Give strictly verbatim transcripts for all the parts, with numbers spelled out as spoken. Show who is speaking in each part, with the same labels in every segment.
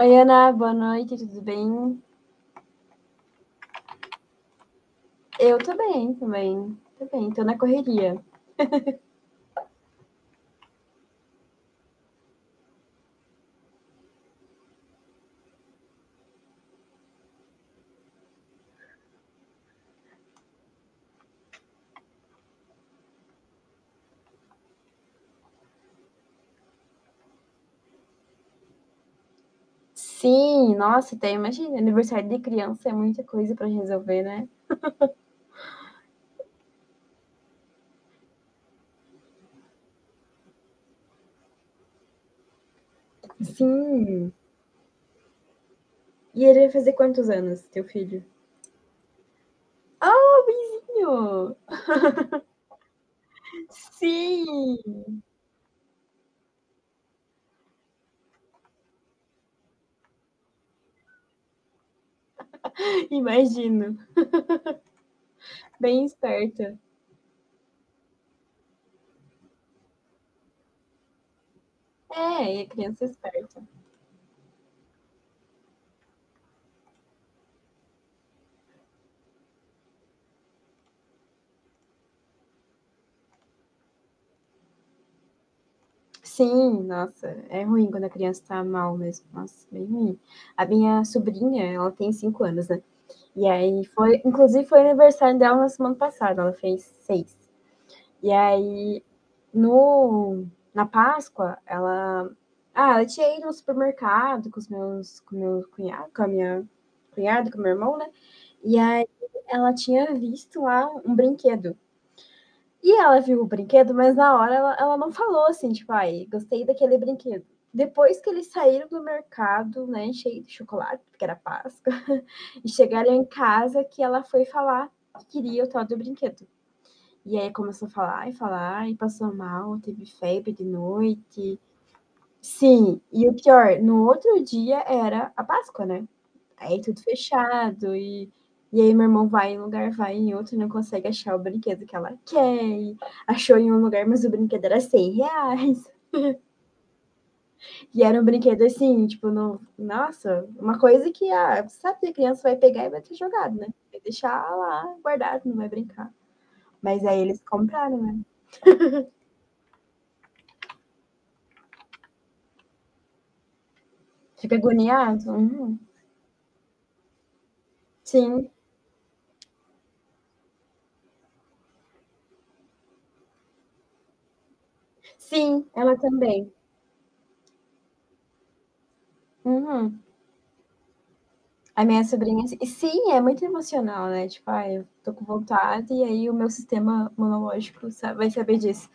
Speaker 1: Oi, Ana, boa noite, tudo bem? Eu tô bem também, tô bem, tô na correria. Sim, nossa, até imagina, aniversário de criança é muita coisa pra resolver, né? Sim. E ele vai fazer quantos anos, teu filho? Ah, o vizinho! Sim, imagino, bem esperta. É, e a criança é esperta. Sim, nossa, é ruim quando a criança tá mal mesmo. Nossa, bem ruim. A minha sobrinha, ela tem cinco anos, né? E aí foi, inclusive foi aniversário dela na semana passada, ela fez seis. E aí no na Páscoa, ela ah, ela tinha ido no supermercado com os meus com meu cunhado, com a minha cunhada, com o meu irmão, né? E aí ela tinha visto lá um brinquedo. E ela viu o brinquedo, mas na hora ela, ela não falou assim, tipo, ai, gostei daquele brinquedo. Depois que eles saíram do mercado, né, cheio de chocolate, porque era Páscoa, e chegaram em casa que ela foi falar que queria o tal do brinquedo. E aí começou a falar e falar, e passou mal, teve febre de noite. Sim, e o pior, no outro dia era a Páscoa, né? Aí tudo fechado, e, e aí meu irmão vai em um lugar, vai em outro, não consegue achar o brinquedo que ela quer. E achou em um lugar, mas o brinquedo era cem reais. E era um brinquedo assim, tipo, no... nossa, uma coisa que ah, você sabe que a criança vai pegar e vai ter jogado, né? Vai deixar lá guardado, não vai brincar. Mas aí eles compraram, né? Fica agoniado? Uhum. Sim, sim, ela também. Uhum. A minha sobrinha, assim, e sim, é muito emocional, né? Tipo, ah, eu tô com vontade e aí o meu sistema monológico sa- vai saber disso.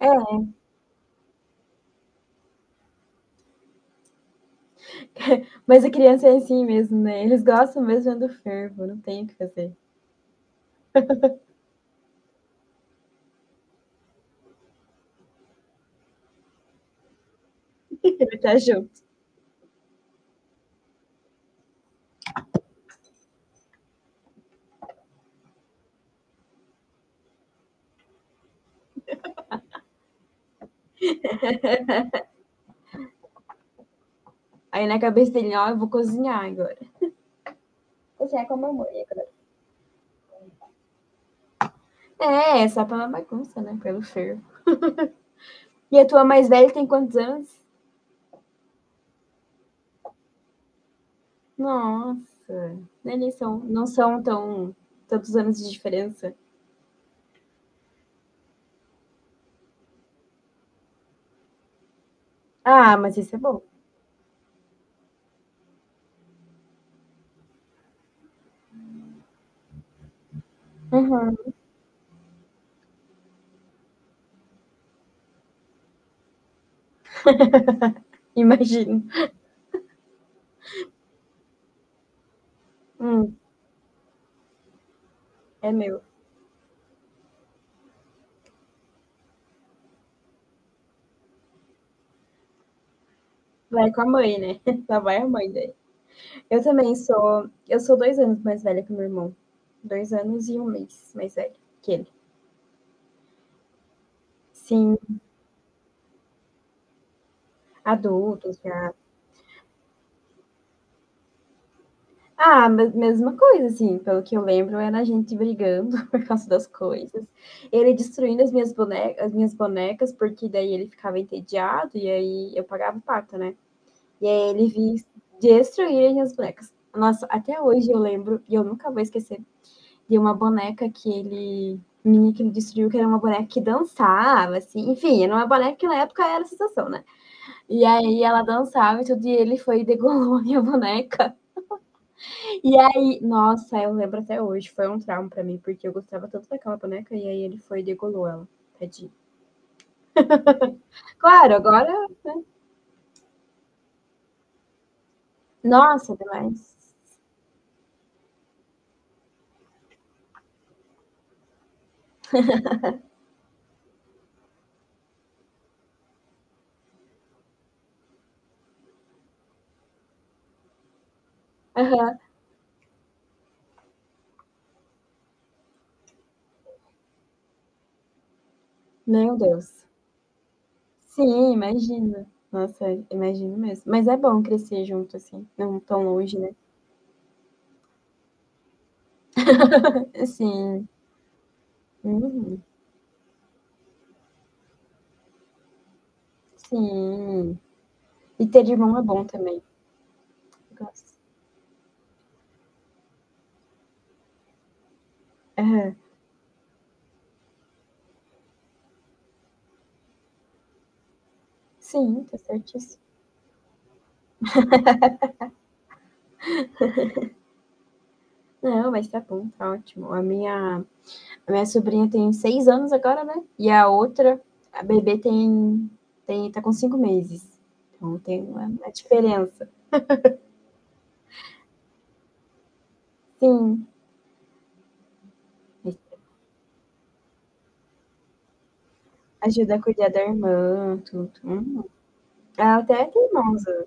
Speaker 1: É, mas a criança é assim mesmo, né? Eles gostam mesmo do fervo, não tem o que fazer. Ele tá junto. Aí na cabeça dele, ó, eu vou cozinhar agora. Você é como a mãe. É, só pela bagunça, né? Pelo fervo. E a tua mais velha tem quantos anos? Nossa. Eles são, não são tão tantos anos de diferença. Ah, mas isso é bom. Uhum. Imagino. Hum, é meu. Vai com a mãe, né? Lá vai a mãe daí. Eu também sou. Eu sou dois anos mais velha que o meu irmão. Dois anos e um mês mais velho que ele. Sim, adultos já. Ah, me- mesma coisa, assim, pelo que eu lembro, era a gente brigando por causa das coisas. Ele destruindo as minhas bonecas, as minhas bonecas, porque daí ele ficava entediado e aí eu pagava o pato, né? E aí ele vinha destruir as minhas bonecas. Nossa, até hoje eu lembro, e eu nunca vou esquecer, de uma boneca que ele, minha que ele destruiu, que era uma boneca que dançava, assim, enfim, era uma boneca que na época era a sensação, né? E aí ela dançava e tudo, e ele foi e degolou a minha boneca. E aí, nossa, eu lembro até hoje, foi um trauma pra mim, porque eu gostava tanto daquela boneca e aí ele foi e degolou ela. Tadinho. Claro, agora. Nossa, demais. Aham. Meu Deus. Sim, imagina. Nossa, imagino mesmo. Mas é bom crescer junto, assim, não tão longe, né? Sim. Uhum. Sim. E ter irmão é bom também. Eu gosto. Aham. Sim, tá certíssimo. Não, mas tá bom, tá ótimo. A minha minha sobrinha tem seis anos agora, né? E a outra, a bebê tem, tem tá com cinco meses. Então tem uma, uma diferença. Sim. Ajuda a cuidar da irmã, tudo. Hum. Ela até é teimosa.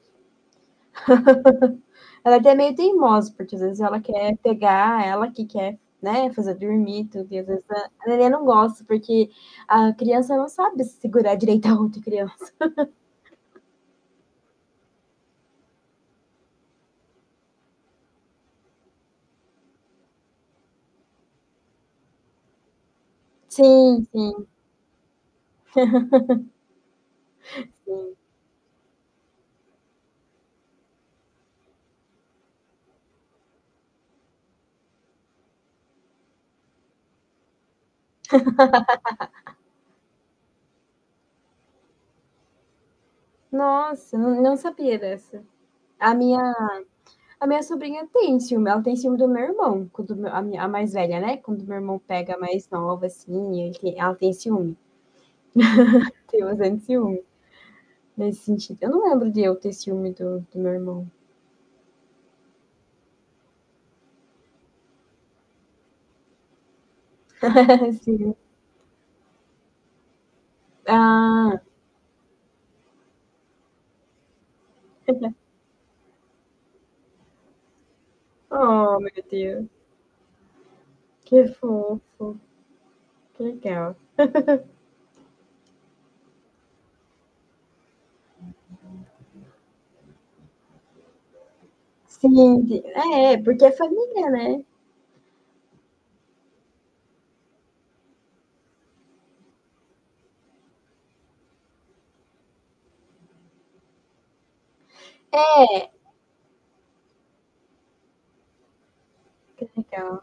Speaker 1: Ela até é meio teimosa, porque às vezes ela quer pegar, ela que quer, né, fazer dormir, tudo. E às vezes a, a neném não gosta, porque a criança não sabe segurar direito a outra criança. Sim, sim. Nossa, não, não sabia dessa. A minha A minha sobrinha tem ciúme, ela tem ciúme do meu irmão, quando meu- a, minha, a mais velha, né? Quando meu irmão pega a mais nova, assim, ele tem- ela tem ciúme. Tem bastante ciúme nesse sentido. Eu não lembro de eu ter ciúme do, do meu irmão. Assim, ah, oh, meu Deus, que fofo, que legal. Sim, de- é, porque é família, né? Que legal.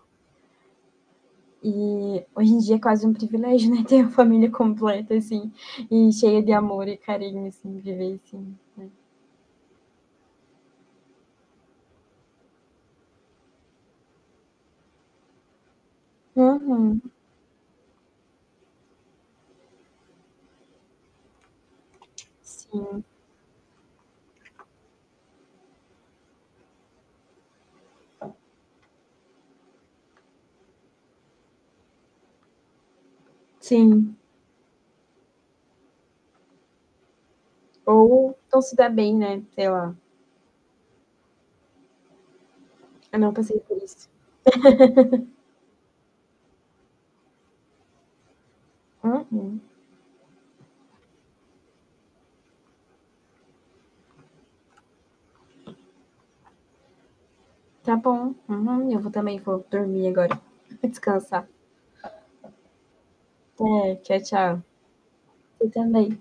Speaker 1: E hoje em dia é quase um privilégio, né? Ter uma família completa, assim, e cheia de amor e carinho, assim, viver assim. Uhum, sim. Sim, ou não se dá bem, né, sei lá. Eu não passei por isso. Uhum. Tá bom, uhum, eu vou também vou dormir agora. Descansar. É, tchau, tchau. Você também.